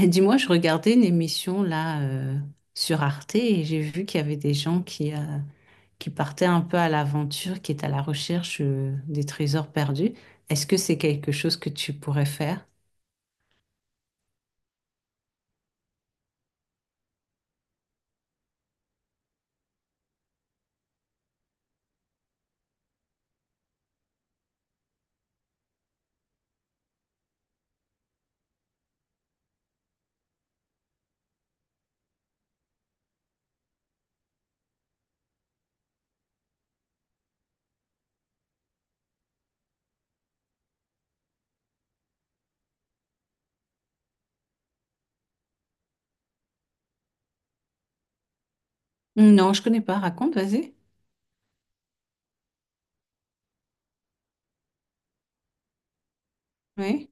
Et dis-moi, je regardais une émission là sur Arte et j'ai vu qu'il y avait des gens qui, qui partaient un peu à l'aventure, qui étaient à la recherche des trésors perdus. Est-ce que c'est quelque chose que tu pourrais faire? Non, je connais pas. Raconte, vas-y. Oui,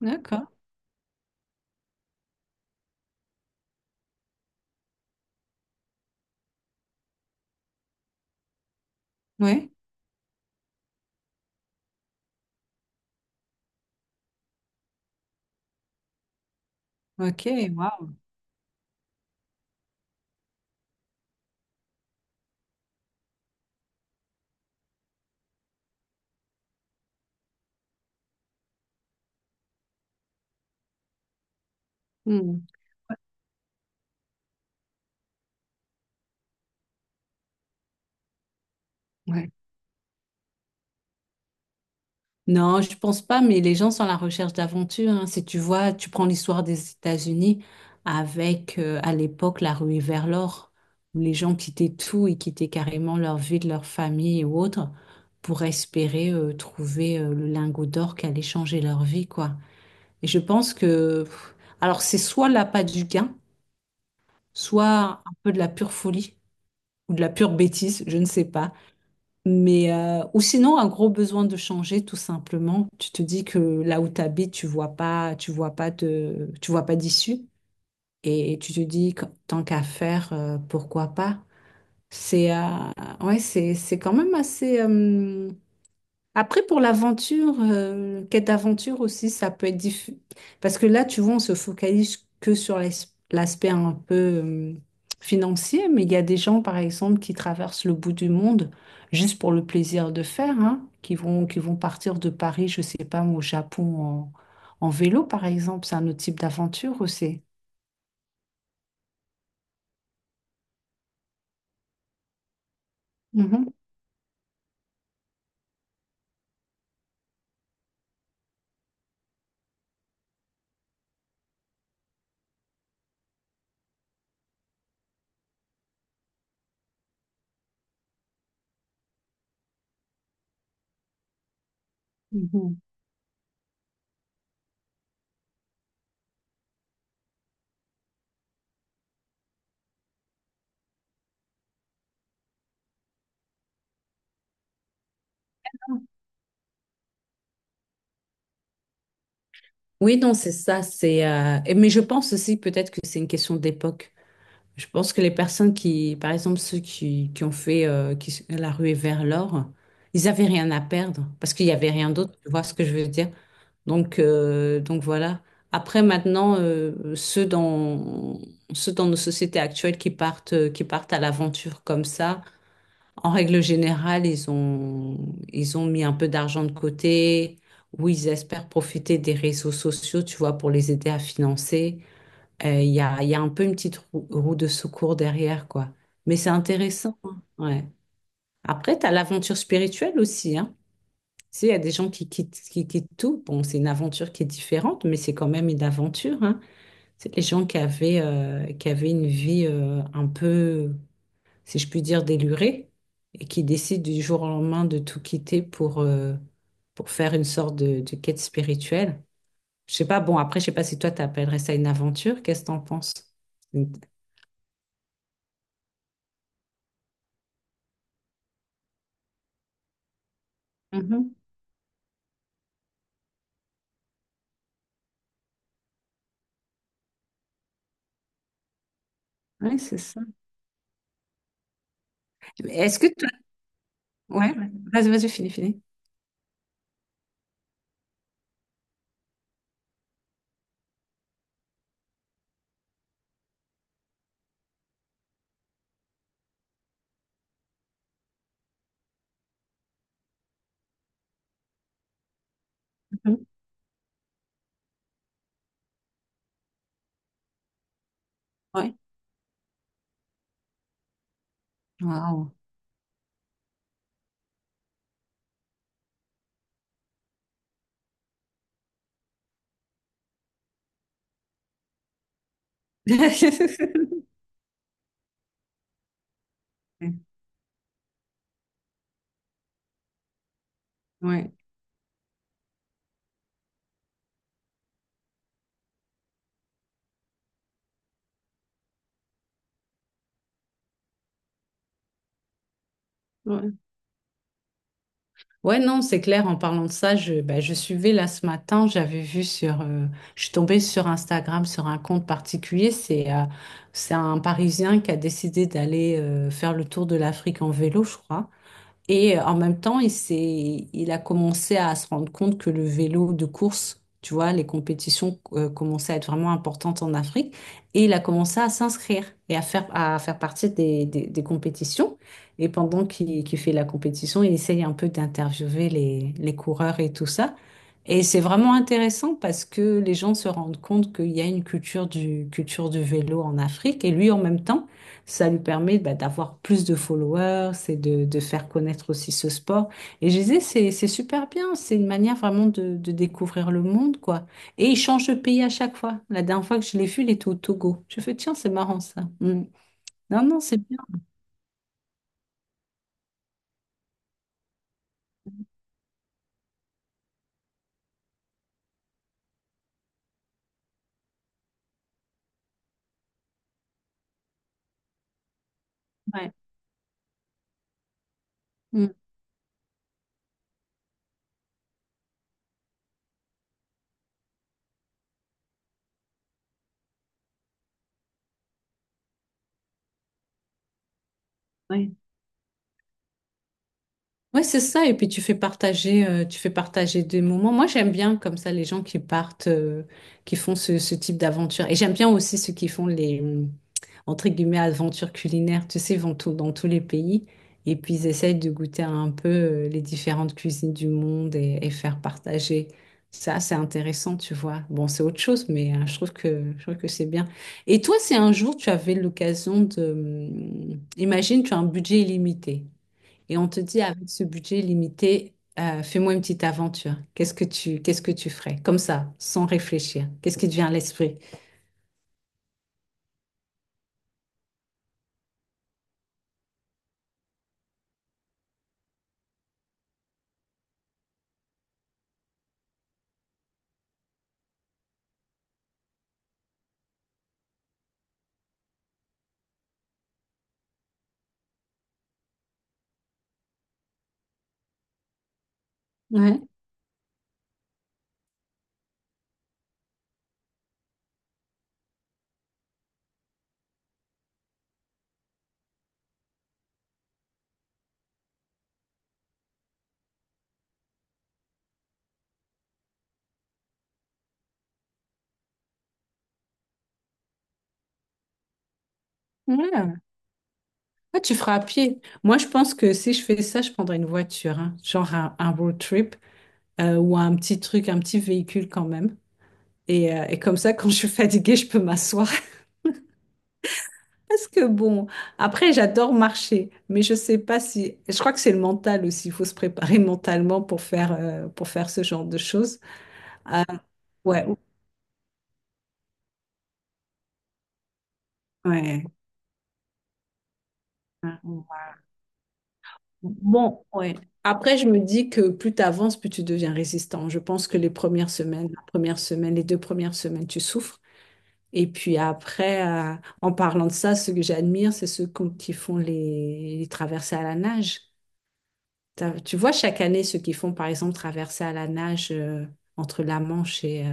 d'accord. Oui, ok, waouh. Hmm. Ouais. Non, je pense pas, mais les gens sont à la recherche d'aventure, hein. Si tu vois, tu prends l'histoire des États-Unis avec, à l'époque, la ruée vers l'or, où les gens quittaient tout et quittaient carrément leur vie, de leur famille ou autre pour espérer trouver le lingot d'or qui allait changer leur vie, quoi. Et je pense que, alors c'est soit l'appât du gain, soit un peu de la pure folie ou de la pure bêtise, je ne sais pas. Mais, ou sinon, un gros besoin de changer, tout simplement. Tu te dis que là où tu habites, tu vois pas, tu vois pas d'issue. Et tu te dis que tant qu'à faire, pourquoi pas? C'est, euh, c'est quand même assez. Après, pour l'aventure, quête d'aventure aussi, ça peut être diffus. Parce que là, tu vois, on se focalise que sur l'aspect un peu financier, mais il y a des gens, par exemple, qui traversent le bout du monde juste pour le plaisir de faire, hein, qui vont partir de Paris, je sais pas, au Japon en vélo, par exemple. C'est un autre type d'aventure aussi. Mhm, mhm. Oui, non, c'est ça, c'est mais je pense aussi peut-être que c'est une question d'époque. Je pense que les personnes qui, par exemple, qui ont fait euh, la ruée vers l'or, ils avaient rien à perdre parce qu'il n'y avait rien d'autre. Tu vois ce que je veux dire? Donc voilà. Après, maintenant, euh, ceux dans nos sociétés actuelles qui partent à l'aventure comme ça, en règle générale, ils ont mis un peu d'argent de côté ou ils espèrent profiter des réseaux sociaux, tu vois, pour les aider à financer. Il y a un peu une petite roue de secours derrière, quoi. Mais c'est intéressant, hein. Ouais. Après, tu as l'aventure spirituelle aussi, hein. Tu sais, il y a des gens qui quittent tout. Bon, c'est une aventure qui est différente, mais c'est quand même une aventure, hein. C'est les gens qui avaient une vie un peu, si je puis dire, délurée, et qui décident du jour au lendemain de tout quitter pour faire une sorte de quête spirituelle. Je sais pas, bon, après, je sais pas si toi, tu appellerais ça une aventure. Qu'est-ce que tu en penses? Mhm. Oui, c'est ça. Mais est-ce que toi... Ouais, ouais. Vas-y, vas-y, finis. Mhm. Ouais. Waouh. Ouais. Ouais. Ouais, non, c'est clair. En parlant de ça, je, bah, je suivais là ce matin, j'avais vu sur, je suis tombée sur Instagram sur un compte particulier. C'est un Parisien qui a décidé d'aller faire le tour de l'Afrique en vélo, je crois. Et en même temps, il a commencé à se rendre compte que le vélo de course, tu vois, les compétitions commençaient à être vraiment importantes en Afrique. Et il a commencé à s'inscrire et à faire partie des compétitions. Et pendant qu'il fait la compétition, il essaye un peu d'interviewer les coureurs et tout ça. Et c'est vraiment intéressant parce que les gens se rendent compte qu'il y a une culture du vélo en Afrique. Et lui, en même temps, ça lui permet bah, d'avoir plus de followers et de faire connaître aussi ce sport. Et je disais, c'est super bien. C'est une manière vraiment de découvrir le monde, quoi. Et il change de pays à chaque fois. La dernière fois que je l'ai vu, il était au Togo. Je fais, tiens, c'est marrant ça. Mm. Non, non, c'est bien. Ouais. Mm. Ouais. Ouais, c'est ça. Et puis tu fais partager des moments. Moi, j'aime bien comme ça les gens qui partent, qui font ce, ce type d'aventure. Et j'aime bien aussi ceux qui font les, entre guillemets, aventures culinaires. Tu sais, ils vont tout, dans tous les pays et puis ils essayent de goûter un peu les différentes cuisines du monde et faire partager. Ça, c'est intéressant, tu vois. Bon, c'est autre chose, mais je trouve que c'est bien. Et toi, si un jour tu avais l'occasion de, imagine, tu as un budget illimité. Et on te dit, avec ce budget limité, fais-moi une petite aventure. Qu'est-ce que tu ferais? Comme ça, sans réfléchir. Qu'est-ce qui te vient à l'esprit? Ouais. Ouais. Ah, tu feras à pied. Moi, je pense que si je fais ça, je prendrais une voiture, hein. Genre un road trip ou un petit truc, un petit véhicule quand même. Et comme ça, quand je suis fatiguée, je peux m'asseoir. Parce que bon, après, j'adore marcher, mais je sais pas si. Je crois que c'est le mental aussi. Il faut se préparer mentalement pour faire ce genre de choses. Ouais, ouais. Ah, ouais. Bon, ouais. Après, je me dis que plus tu avances, plus tu deviens résistant. Je pense que les premières semaines, la première semaine, les deux premières semaines, tu souffres. Et puis après, en parlant de ça, ce que j'admire, c'est qui font les traversées à la nage. Tu vois, chaque année, ceux qui font, par exemple, traversées à la nage entre la Manche et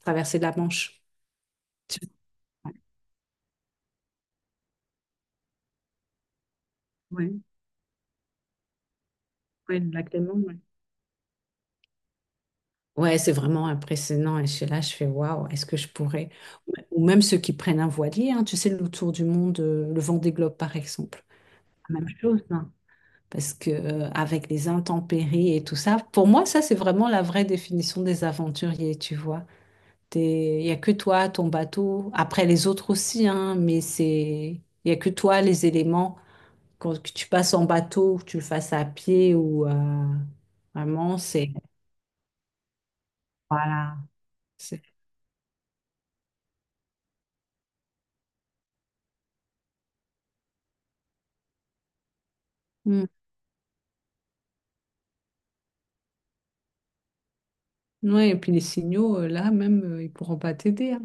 traversée de la Manche. Tu- Ouais, ouais, le lac Léman. Ouais, c'est vraiment impressionnant. Et suis là, je fais waouh, est-ce que je pourrais? Ou même ceux qui prennent un voilier, hein, tu sais, le tour du monde, le Vendée Globe par exemple. La même chose, hein. Parce que avec les intempéries et tout ça, pour moi, ça, c'est vraiment la vraie définition des aventuriers, tu vois. Il n'y a que toi, ton bateau, après les autres aussi, hein, mais c'est, il n'y a que toi, les éléments, quand, que tu passes en bateau, que tu le fasses à pied ou vraiment, c'est, voilà. C'est- hmm. Ouais, et puis les signaux, là même, ils pourront pas t'aider, hein.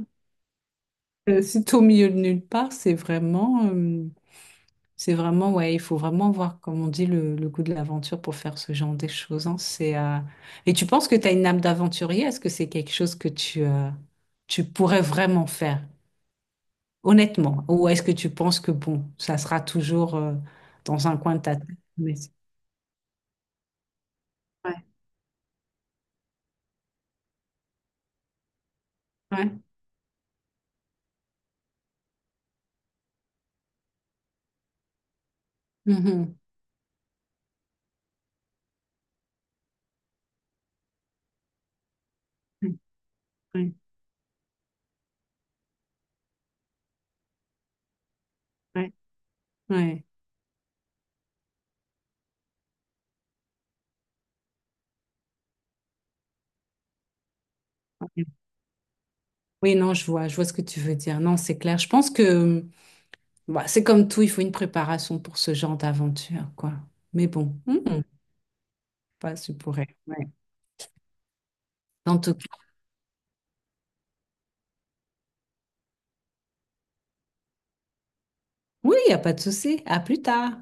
Si t'es au milieu de nulle part, c'est vraiment, ouais, il faut vraiment voir, comme on dit, le goût de l'aventure pour faire ce genre de choses, hein. Et tu penses que tu as une âme d'aventurier? Est-ce que c'est quelque chose que tu, tu pourrais vraiment faire, honnêtement? Ou est-ce que tu penses que, bon, ça sera toujours, dans un coin de ta tête? Mais ouais, ouais. Mhm. Ouais, ouais, ouais. Ouais. Oui, non, je vois ce que tu veux dire. Non, c'est clair. Je pense que bah, c'est comme tout, il faut une préparation pour ce genre d'aventure, quoi. Mais bon, hmm, pas ce pourrait. Ouais. En tout cas, oui, il n'y a pas de souci. À plus tard.